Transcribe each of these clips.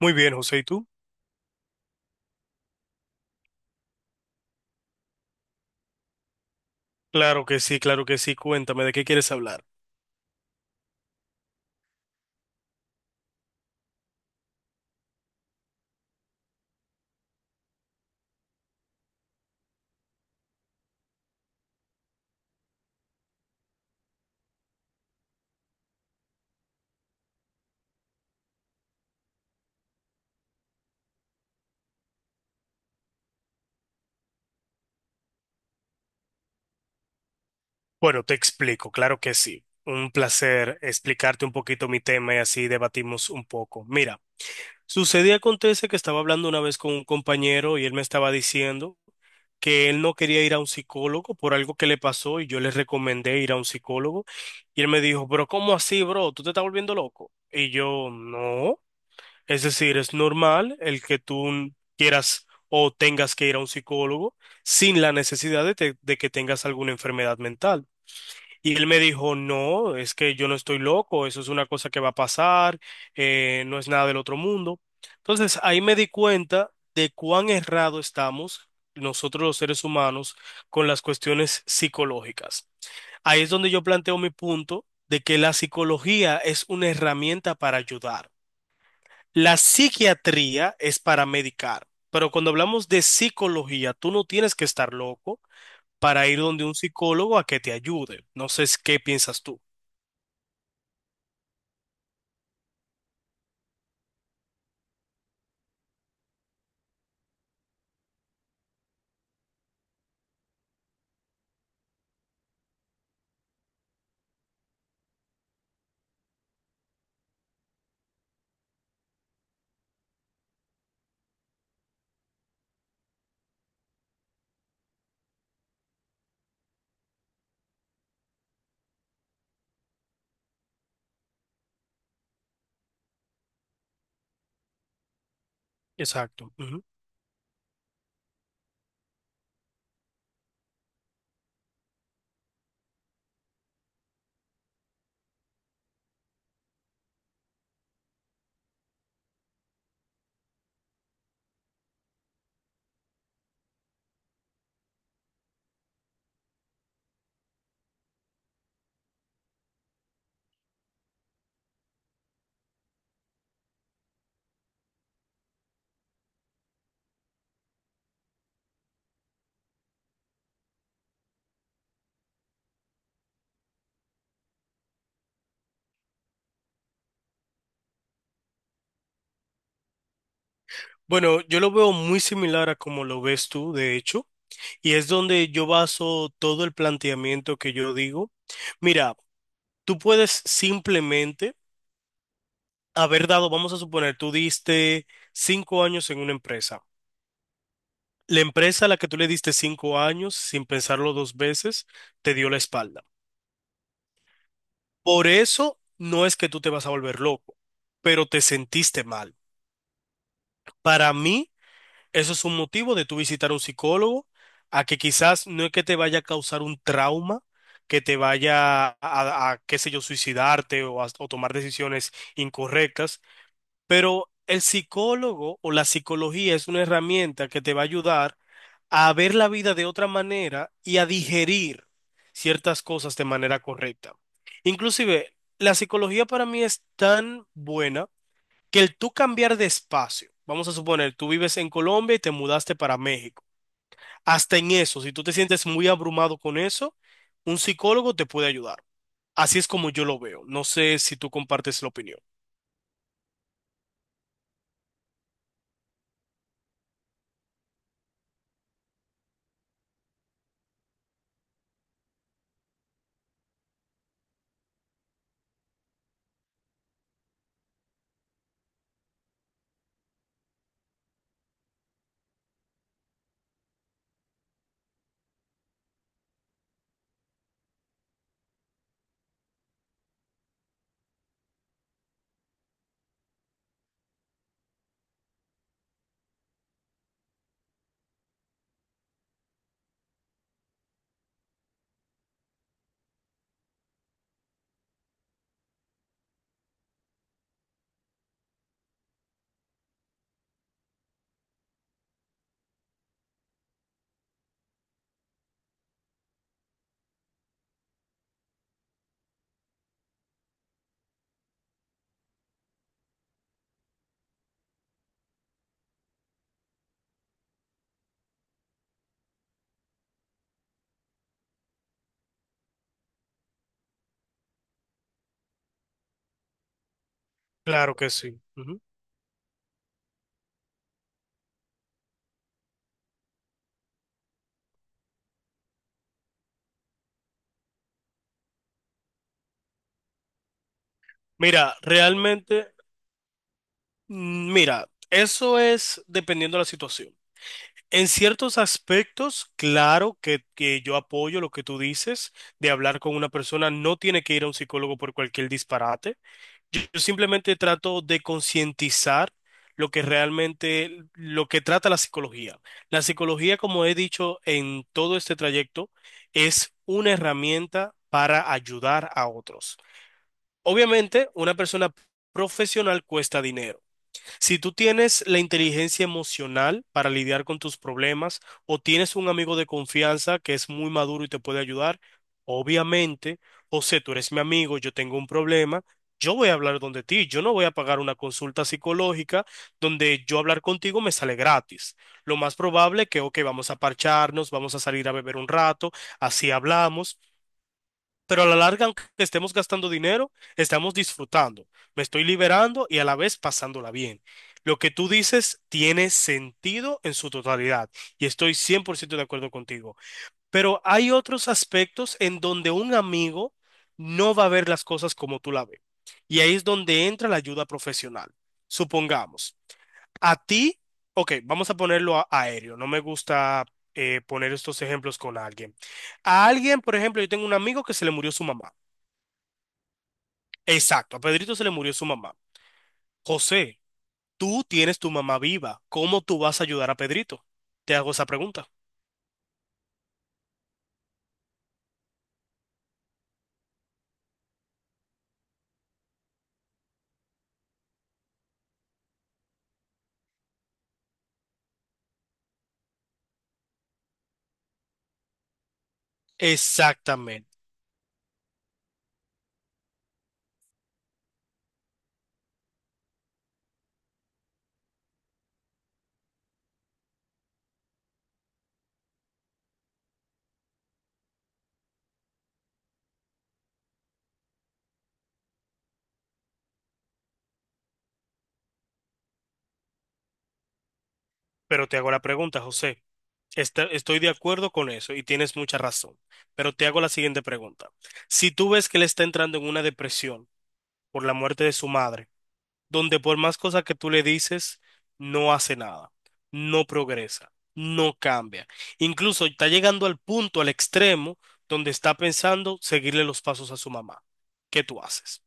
Muy bien, José, ¿y tú? Claro que sí, claro que sí. Cuéntame, ¿de qué quieres hablar? Bueno, te explico, claro que sí. Un placer explicarte un poquito mi tema y así debatimos un poco. Mira, sucedía acontece que estaba hablando una vez con un compañero y él me estaba diciendo que él no quería ir a un psicólogo por algo que le pasó y yo le recomendé ir a un psicólogo y él me dijo, pero ¿cómo así, bro? ¿Tú te estás volviendo loco? Y yo, no. Es decir, es normal el que tú quieras o tengas que ir a un psicólogo sin la necesidad de, de que tengas alguna enfermedad mental. Y él me dijo, no, es que yo no estoy loco, eso es una cosa que va a pasar, no es nada del otro mundo. Entonces, ahí me di cuenta de cuán errado estamos nosotros los seres humanos con las cuestiones psicológicas. Ahí es donde yo planteo mi punto de que la psicología es una herramienta para ayudar. La psiquiatría es para medicar, pero cuando hablamos de psicología, tú no tienes que estar loco para ir donde un psicólogo a que te ayude. No sé si- ¿Qué piensas tú? Exacto, ujú. Bueno, yo lo veo muy similar a como lo ves tú, de hecho, y es donde yo baso todo el planteamiento que yo digo. Mira, tú puedes simplemente haber dado, vamos a suponer, tú diste 5 años en una empresa. La empresa a la que tú le diste 5 años sin pensarlo dos veces te dio la espalda. Por eso no es que tú te vas a volver loco, pero te sentiste mal. Para mí, eso es un motivo de tú visitar a un psicólogo, a que quizás no es que te vaya a causar un trauma, que te vaya a, qué sé yo, suicidarte o, o tomar decisiones incorrectas. Pero el psicólogo o la psicología es una herramienta que te va a ayudar a ver la vida de otra manera y a digerir ciertas cosas de manera correcta. Inclusive, la psicología para mí es tan buena que el tú cambiar de espacio, vamos a suponer, tú vives en Colombia y te mudaste para México. Hasta en eso, si tú te sientes muy abrumado con eso, un psicólogo te puede ayudar. Así es como yo lo veo. No sé si tú compartes la opinión. Claro que sí. Ujú. Mira, realmente, mira, eso es dependiendo de la situación. En ciertos aspectos, claro que yo apoyo lo que tú dices de hablar con una persona, no tiene que ir a un psicólogo por cualquier disparate. Yo simplemente trato de concientizar lo que realmente, lo que trata la psicología. La psicología, como he dicho en todo este trayecto, es una herramienta para ayudar a otros. Obviamente, una persona profesional cuesta dinero. Si tú tienes la inteligencia emocional para lidiar con tus problemas o tienes un amigo de confianza que es muy maduro y te puede ayudar, obviamente, José, tú eres mi amigo, yo tengo un problema, yo voy a hablar donde ti, yo no voy a pagar una consulta psicológica donde yo hablar contigo me sale gratis. Lo más probable que, ok, vamos a parcharnos, vamos a salir a beber un rato, así hablamos. Pero a la larga, aunque estemos gastando dinero, estamos disfrutando. Me estoy liberando y a la vez pasándola bien. Lo que tú dices tiene sentido en su totalidad y estoy 100% de acuerdo contigo. Pero hay otros aspectos en donde un amigo no va a ver las cosas como tú la ves. Y ahí es donde entra la ayuda profesional. Supongamos, a ti, ok, vamos a ponerlo aéreo. No me gusta poner estos ejemplos con alguien. A alguien, por ejemplo, yo tengo un amigo que se le murió su mamá. Exacto, a Pedrito se le murió su mamá. José, tú tienes tu mamá viva. ¿Cómo tú vas a ayudar a Pedrito? Te hago esa pregunta. Exactamente. Pero te hago la pregunta, José. Estoy de acuerdo con eso y tienes mucha razón. Pero te hago la siguiente pregunta. Si tú ves que él está entrando en una depresión por la muerte de su madre, donde por más cosas que tú le dices, no hace nada, no progresa, no cambia. Incluso está llegando al punto, al extremo, donde está pensando seguirle los pasos a su mamá. ¿Qué tú haces?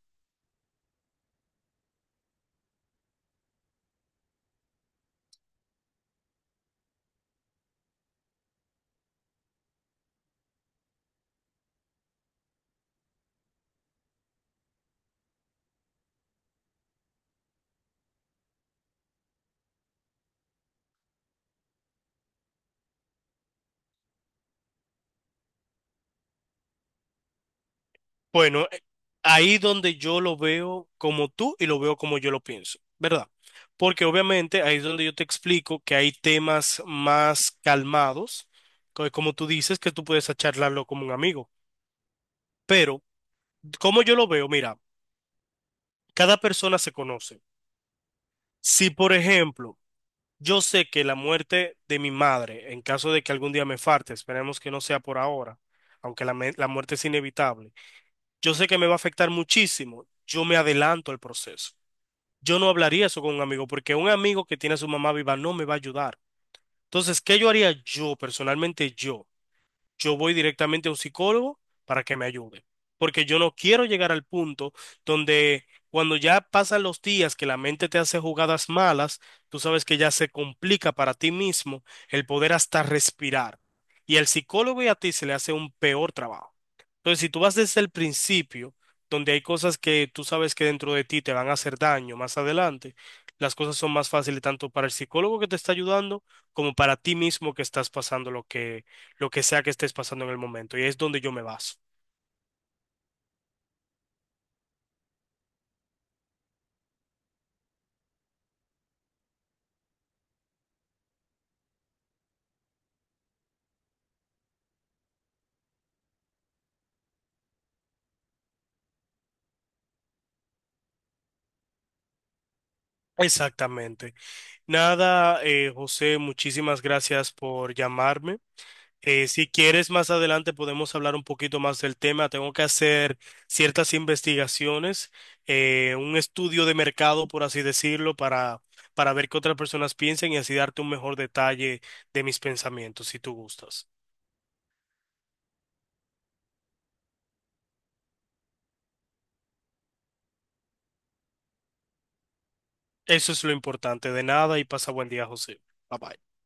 Bueno, ahí donde yo lo veo como tú y lo veo como yo lo pienso, ¿verdad? Porque obviamente ahí es donde yo te explico que hay temas más calmados, como tú dices, que tú puedes charlarlo como un amigo. Pero, como yo lo veo, mira, cada persona se conoce. Si, por ejemplo, yo sé que la muerte de mi madre, en caso de que algún día me falte, esperemos que no sea por ahora, aunque la muerte es inevitable, yo sé que me va a afectar muchísimo, yo me adelanto al proceso. Yo no hablaría eso con un amigo, porque un amigo que tiene a su mamá viva no me va a ayudar. Entonces, ¿qué yo haría yo, personalmente yo? Yo voy directamente a un psicólogo para que me ayude. Porque yo no quiero llegar al punto donde cuando ya pasan los días que la mente te hace jugadas malas, tú sabes que ya se complica para ti mismo el poder hasta respirar. Y al psicólogo y a ti se le hace un peor trabajo. Entonces, si tú vas desde el principio, donde hay cosas que tú sabes que dentro de ti te van a hacer daño más adelante, las cosas son más fáciles tanto para el psicólogo que te está ayudando como para ti mismo que estás pasando lo que sea que estés pasando en el momento. Y es donde yo me baso. Exactamente. Nada, José, muchísimas gracias por llamarme. Si quieres, más adelante podemos hablar un poquito más del tema. Tengo que hacer ciertas investigaciones, un estudio de mercado, por así decirlo, para ver qué otras personas piensan y así darte un mejor detalle de mis pensamientos, si tú gustas. Eso es lo importante. De nada y pasa buen día, José. Bye bye.